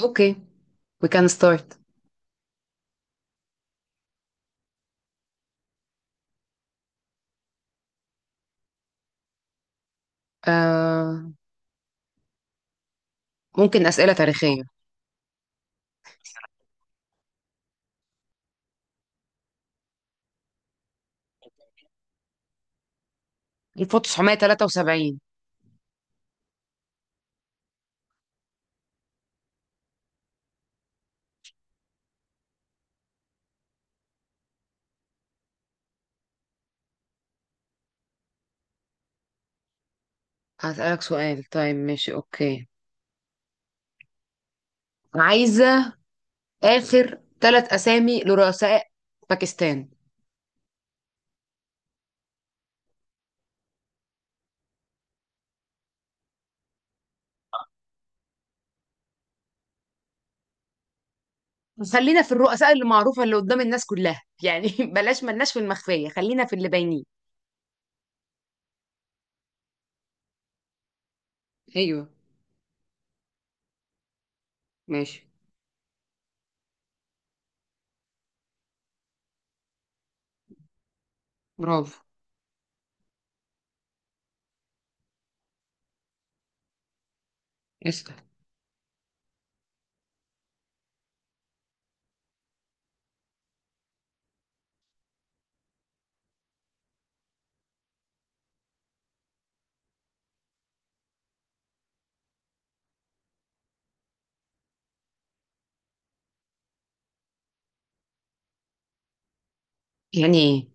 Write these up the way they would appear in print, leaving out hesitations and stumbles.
اوكي. وي كان ستارت. ممكن أسئلة تاريخية. 1973. هسألك سؤال. طيب، ماشي، اوكي. عايزة آخر ثلاث أسامي لرؤساء باكستان. خلينا في الرؤساء اللي معروفة اللي قدام الناس كلها يعني بلاش ملناش في المخفية، خلينا في اللي باينين. ايوه. ماشي. برافو. اسأل. يعني ايه؟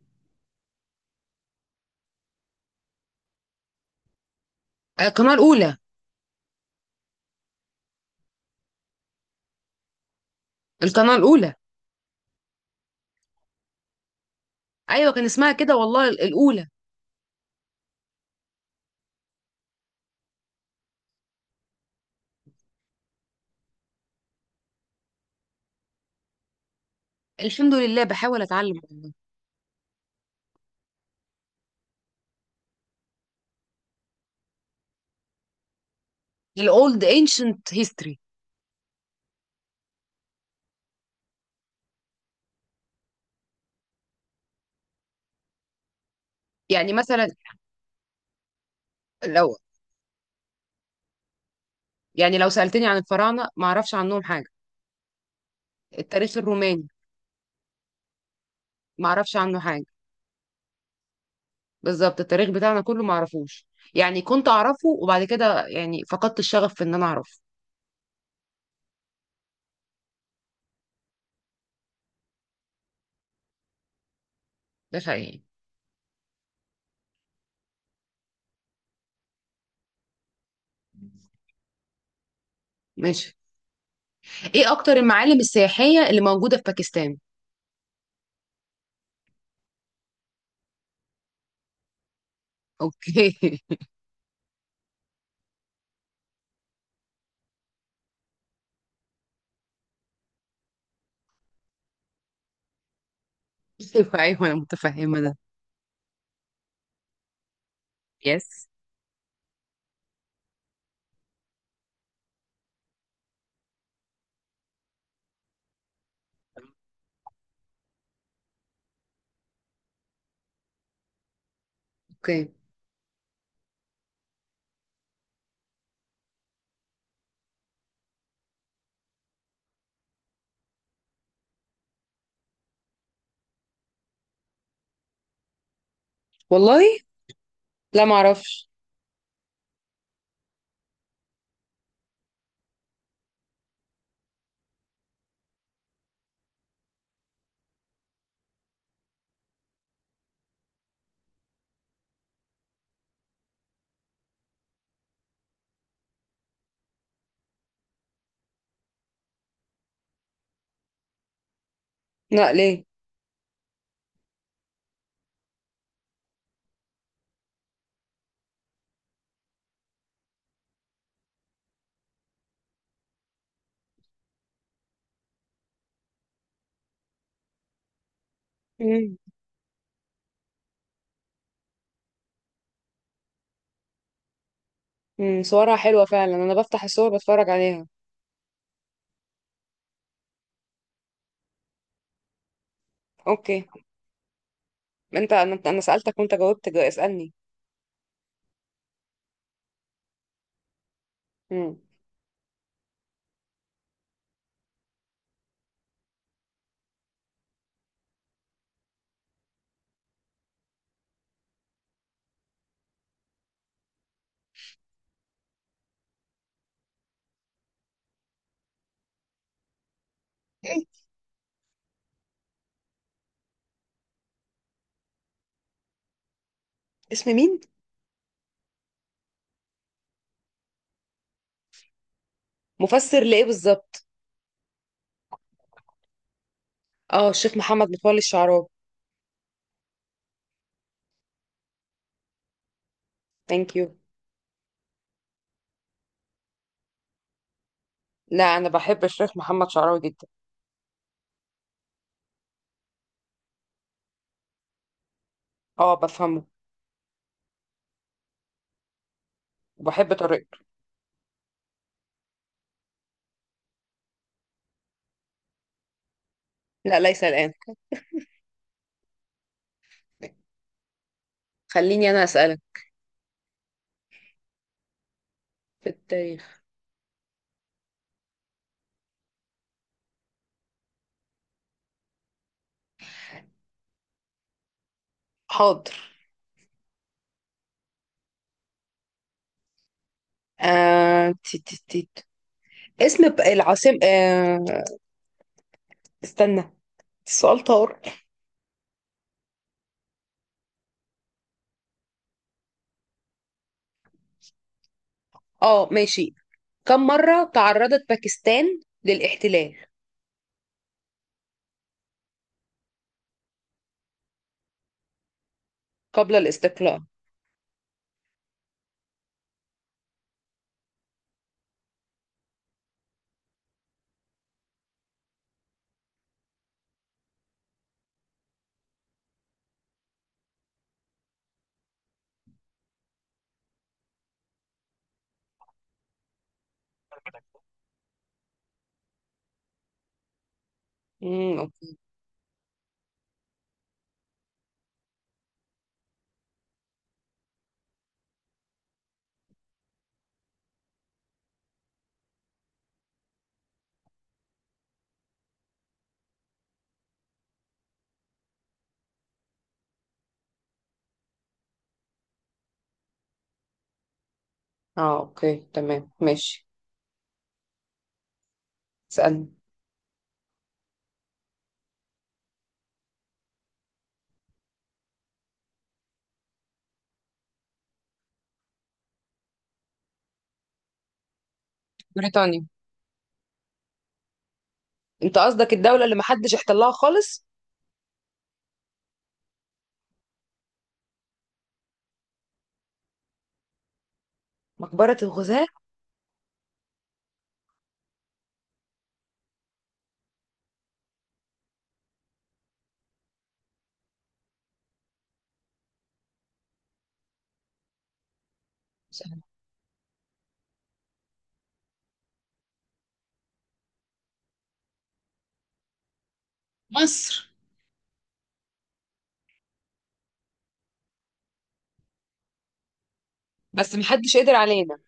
آه، القناة الأولى. القناة الأولى. أيوة، كان اسمها كده والله الأولى. الحمد لله، بحاول أتعلم والله. الأولد ancient history. يعني مثلا لو يعني لو سألتني عن الفراعنة ما اعرفش عنهم حاجة. التاريخ الروماني ما اعرفش عنه حاجة. بالظبط، التاريخ بتاعنا كله ما اعرفوش. يعني كنت اعرفه وبعد كده يعني فقدت الشغف في ان انا اعرفه. ده حقيقي. ماشي. ايه اكتر المعالم السياحية اللي موجودة في باكستان؟ اوكي ايوه ايوه، انا متفهمة ده. يس. اوكي. والله؟ لا، ما اعرفش. لا، ليه؟ مم. مم. صورها حلوة فعلا، انا بفتح الصور بتفرج عليها. اوكي. انت انا سألتك وانت جاوبت، اسألني. مم. إيه؟ اسم مين؟ مفسر لإيه بالظبط؟ اه، الشيخ محمد متولي الشعراوي. ثانك يو. لا، أنا بحب الشيخ محمد شعراوي جدا. اه، بفهمه وبحب طريقته. لا، ليس الآن. خليني أنا أسألك في التاريخ. حاضر. آه... تي تي تي. اسم العاصمة استنى، السؤال طار. اه، ماشي. كم مرة تعرضت باكستان للاحتلال؟ قبل الاستقلال؟ اوكي. اه، اوكي، تمام، ماشي. اسألني. بريطانيا. انت قصدك الدولة اللي محدش احتلها خالص؟ مقبرة الغزاة. مصر. بس محدش قدر علينا.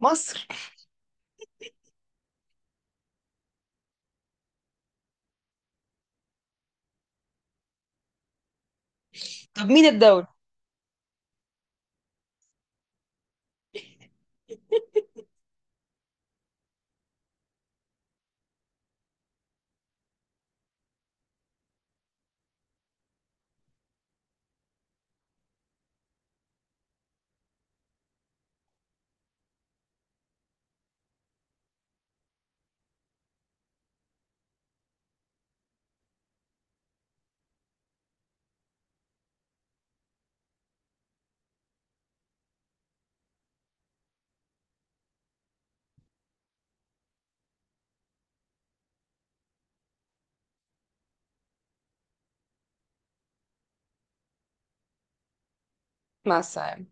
مصر. طب مين الدولة؟ مع السلامة.